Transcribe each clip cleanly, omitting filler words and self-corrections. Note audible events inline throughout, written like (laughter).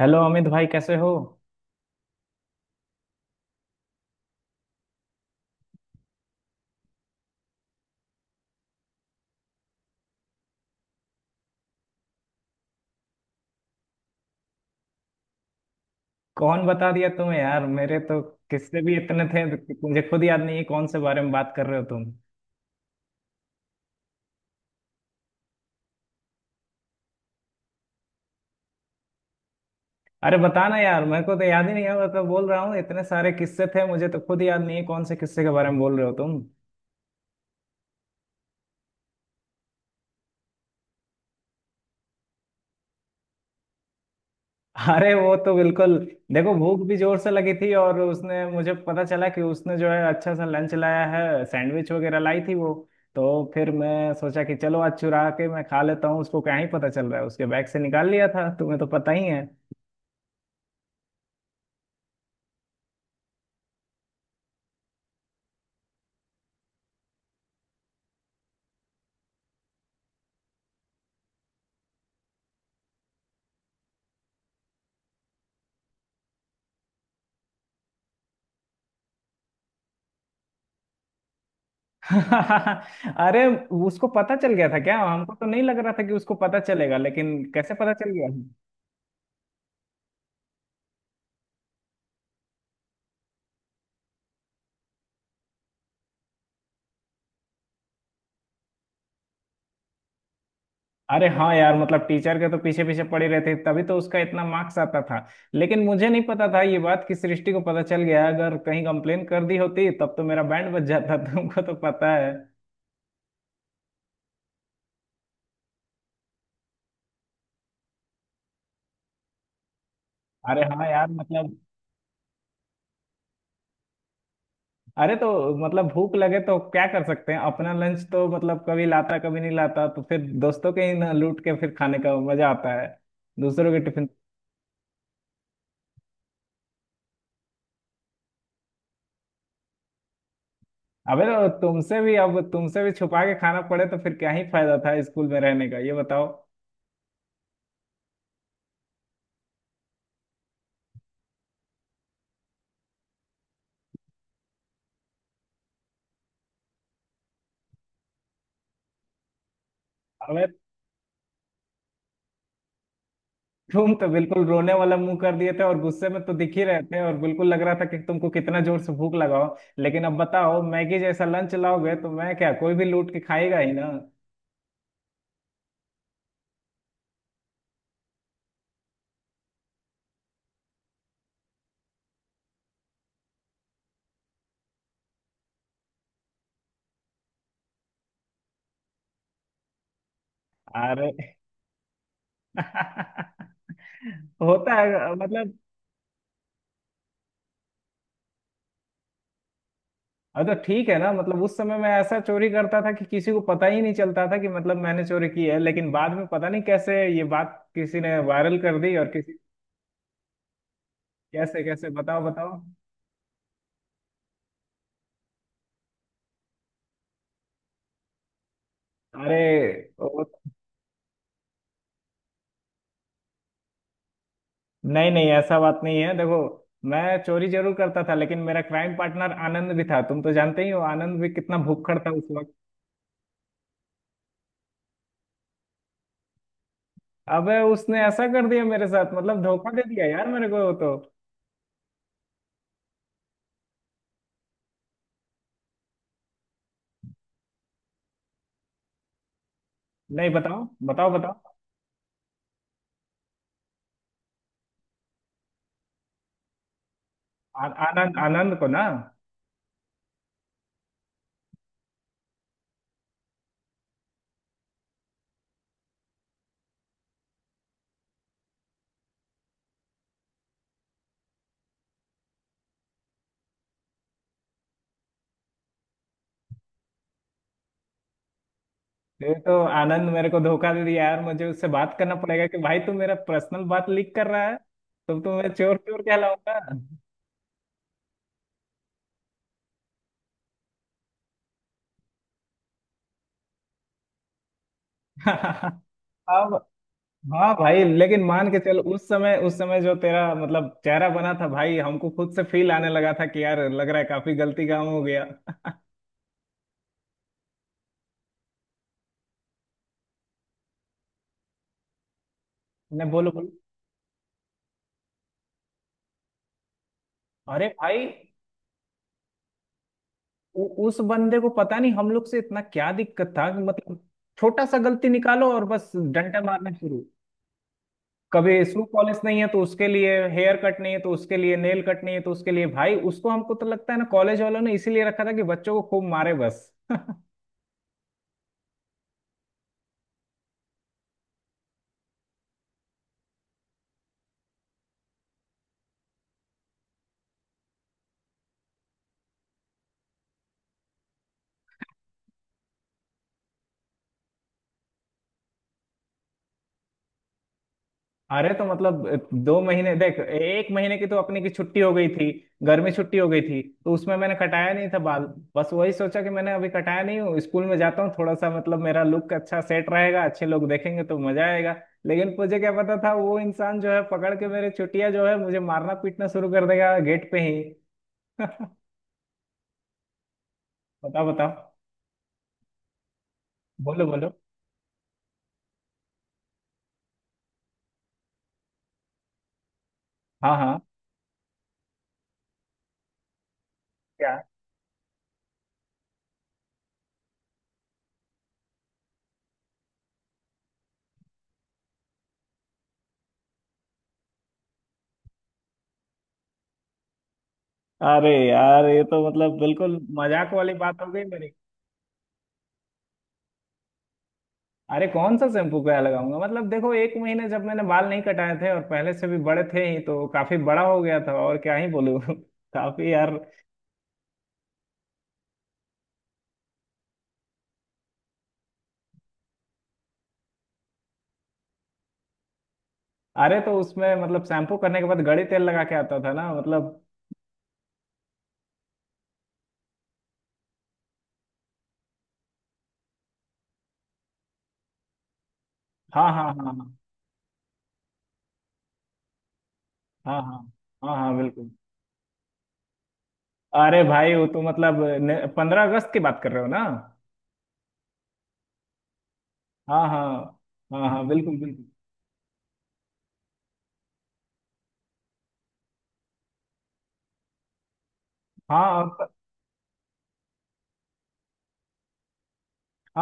Hello Amit भाई, कैसे हो? कौन बता दिया तुम्हें यार? मेरे तो किससे भी इतने थे कि मुझे खुद याद नहीं है कौन से बारे में बात कर रहे हो तुम। अरे बताना यार, मेरे को तो याद ही नहीं है। मैं तो बोल रहा हूँ इतने सारे किस्से थे, मुझे तो खुद याद नहीं है कौन से किस्से के बारे में बोल रहे हो तुम। (laughs) अरे वो तो बिल्कुल। देखो, भूख भी जोर से लगी थी और उसने, मुझे पता चला कि उसने जो है अच्छा सा लंच लाया है, सैंडविच वगैरह लाई थी वो। तो फिर मैं सोचा कि चलो आज चुरा के मैं खा लेता हूँ, उसको क्या ही पता चल रहा है। उसके बैग से निकाल लिया था, तुम्हें तो पता ही है। (laughs) अरे, उसको पता चल गया था क्या? हमको तो नहीं लग रहा था कि उसको पता चलेगा, लेकिन कैसे पता चल गया? अरे हाँ यार, मतलब टीचर के तो पीछे पीछे पड़े रहते, तभी तो उसका इतना मार्क्स आता था। लेकिन मुझे नहीं पता था ये बात कि सृष्टि को पता चल गया। अगर कहीं कंप्लेन कर दी होती तब तो मेरा बैंड बज जाता, तुमको तो पता है। अरे हाँ यार, मतलब। अरे तो मतलब, भूख लगे तो क्या कर सकते हैं? अपना लंच तो मतलब कभी लाता कभी नहीं लाता, तो फिर दोस्तों के ही ना लूट के फिर खाने का मजा आता है, दूसरों के टिफिन। अबे तो तुमसे भी, अब तुमसे भी छुपा के खाना पड़े तो फिर क्या ही फायदा था स्कूल में रहने का, ये बताओ। अबे तुम तो बिल्कुल रोने वाला मुंह कर दिए थे और गुस्से में तो दिख ही रहे थे, और बिल्कुल लग रहा था कि तुमको कितना जोर से भूख लगाओ। लेकिन अब बताओ, मैगी जैसा लंच लाओगे तो मैं क्या, कोई भी लूट के खाएगा ही ना। अरे। (laughs) होता है मतलब। अब तो ठीक है ना, मतलब उस समय मैं ऐसा चोरी करता था कि किसी को पता ही नहीं चलता था कि मतलब मैंने चोरी की है। लेकिन बाद में पता नहीं कैसे ये बात किसी ने वायरल कर दी, और किसी कैसे कैसे बताओ, बताओ। अरे ओ, नहीं नहीं, ऐसा बात नहीं है, देखो। मैं चोरी जरूर करता था, लेकिन मेरा क्राइम पार्टनर आनंद भी था। तुम तो जानते ही हो, आनंद भी कितना भुक्खड़ था उस वक्त। अबे उसने ऐसा कर दिया मेरे साथ, मतलब धोखा दे दिया यार मेरे को तो। नहीं, बताओ, बताओ, बताओ। आनंद, आनंद को ना। ये तो आनंद मेरे को धोखा दे दिया यार। मुझे उससे बात करना पड़ेगा कि भाई, तू मेरा पर्सनल बात लीक कर रहा है। तो मैं चोर चोर कहलाऊंगा। (laughs) अब। हाँ भाई, लेकिन मान के चल उस समय जो तेरा मतलब चेहरा बना था भाई, हमको खुद से फील आने लगा था कि यार लग रहा है काफी गलती काम हो गया। नहीं, बोलो, बोलो। अरे भाई। उस बंदे को पता नहीं हम लोग से इतना क्या दिक्कत था कि मतलब छोटा सा गलती निकालो और बस डंडा मारना शुरू। कभी शू पॉलिश नहीं है तो उसके लिए, हेयर कट नहीं है तो उसके लिए, नेल कट नहीं है तो उसके लिए। भाई उसको, हमको तो लगता है ना कॉलेज वालों ने इसीलिए रखा था कि बच्चों को खूब मारे बस। अरे तो मतलब 2 महीने, देख एक महीने की तो अपनी की छुट्टी हो गई थी। गर्मी छुट्टी हो गई थी तो उसमें मैंने कटाया नहीं था बाल। बस वही सोचा कि मैंने अभी कटाया नहीं हूँ, स्कूल में जाता हूँ, थोड़ा सा मतलब मेरा लुक अच्छा सेट रहेगा, अच्छे लोग देखेंगे तो मजा आएगा। लेकिन मुझे क्या पता था वो इंसान जो है पकड़ के, मेरे छुट्टियां जो है, मुझे मारना पीटना शुरू कर देगा गेट पे ही। (laughs) बताओ, बताओ, बोलो, बोलो। हाँ हाँ, क्या? अरे यार, ये तो मतलब बिल्कुल मजाक वाली बात हो गई मेरी। अरे कौन सा शैम्पू क्या लगाऊंगा, मतलब देखो एक महीने जब मैंने बाल नहीं कटाए थे और पहले से भी बड़े थे ही तो काफी बड़ा हो गया था, और क्या ही बोलूं। (laughs) काफी यार। अरे तो उसमें मतलब शैम्पू करने के बाद गड़ी तेल लगा के आता था ना, मतलब। हाँ हाँ, हाँ हाँ, हाँ हाँ, हाँ हाँ बिल्कुल। अरे भाई वो तो मतलब 15 अगस्त की बात कर रहे हो ना। हाँ हाँ, हाँ हाँ बिल्कुल बिल्कुल। हाँ, और।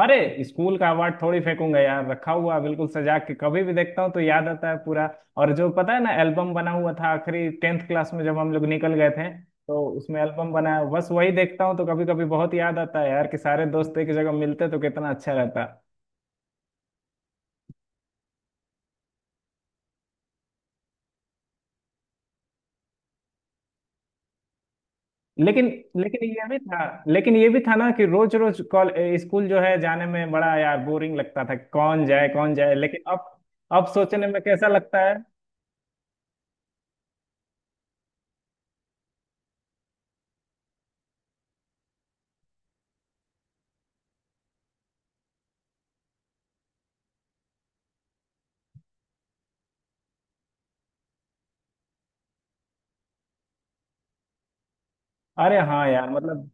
अरे स्कूल का अवार्ड थोड़ी फेंकूंगा यार, रखा हुआ बिल्कुल सजा के, कभी भी देखता हूँ तो याद आता है पूरा। और जो पता है ना एल्बम बना हुआ था आखिरी 10th क्लास में जब हम लोग निकल गए थे, तो उसमें एल्बम बना है, बस वही देखता हूँ तो कभी कभी बहुत याद आता है यार कि सारे दोस्त एक जगह मिलते तो कितना अच्छा रहता। लेकिन लेकिन ये भी था। लेकिन ये भी था ना कि रोज रोज कॉल स्कूल जो है जाने में बड़ा यार बोरिंग लगता था, कौन जाए कौन जाए। लेकिन अब सोचने में कैसा लगता है? अरे हाँ यार, मतलब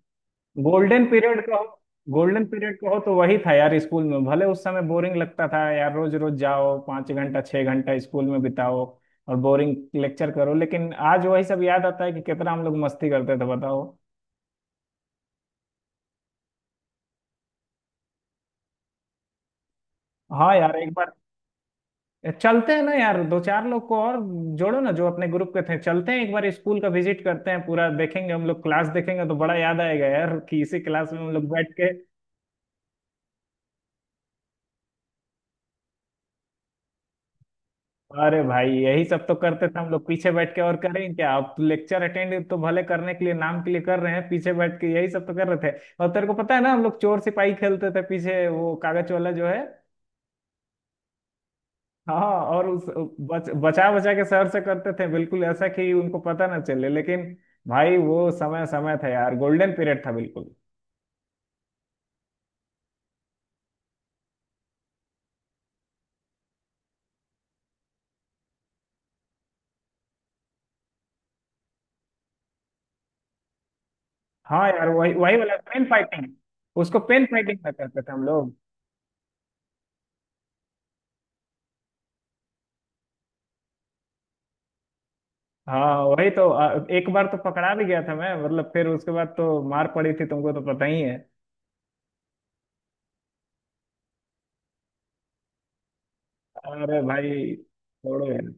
गोल्डन पीरियड कहो, गोल्डन पीरियड कहो तो वही था यार, स्कूल में भले उस समय बोरिंग लगता था यार, रोज रोज जाओ, 5 घंटा 6 घंटा स्कूल में बिताओ, और बोरिंग लेक्चर करो, लेकिन आज वही सब याद आता है कि कितना हम लोग मस्ती करते थे, बताओ। हाँ यार, एक बार चलते हैं ना यार, दो चार लोग को और जोड़ो ना जो अपने ग्रुप के थे, चलते हैं एक बार स्कूल का विजिट करते हैं, पूरा देखेंगे हम लोग, क्लास देखेंगे तो बड़ा याद आएगा यार कि इसी क्लास में हम लोग बैठ के। अरे भाई यही सब तो करते थे हम लोग पीछे बैठ के, और करें क्या, आप लेक्चर अटेंड तो भले करने के लिए नाम के लिए कर रहे हैं, पीछे बैठ के यही सब तो कर रहे थे। और तेरे को पता है ना हम लोग चोर सिपाही खेलते थे पीछे, वो कागज वाला जो है। हाँ। और उस बचा बचा के सर से करते थे बिल्कुल ऐसा कि उनको पता ना चले, लेकिन भाई वो समय समय था यार, गोल्डन पीरियड था बिल्कुल। हाँ यार, वही वही वाला पेन फाइटिंग। उसको पेन फाइटिंग में करते थे हम लोग। हाँ वही तो। एक बार तो पकड़ा भी गया था मैं, मतलब फिर उसके बाद तो मार पड़ी थी, तुमको तो पता ही है। अरे भाई छोड़ो यार।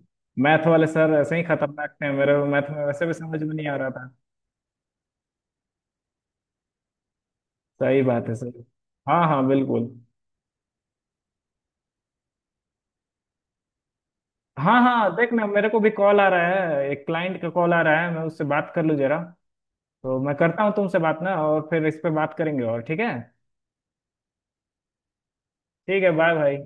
मैथ वाले सर ऐसे ही खतरनाक थे, मेरे को मैथ में वैसे भी समझ में नहीं आ रहा था। सही बात है, सही। हाँ हाँ, बिल्कुल। हाँ हाँ, देख ना मेरे को भी कॉल आ रहा है, एक क्लाइंट का कॉल आ रहा है, मैं उससे बात कर लूँ जरा। तो मैं करता हूँ तुमसे बात ना, और फिर इस पे बात करेंगे, और ठीक है। ठीक है, बाय भाई।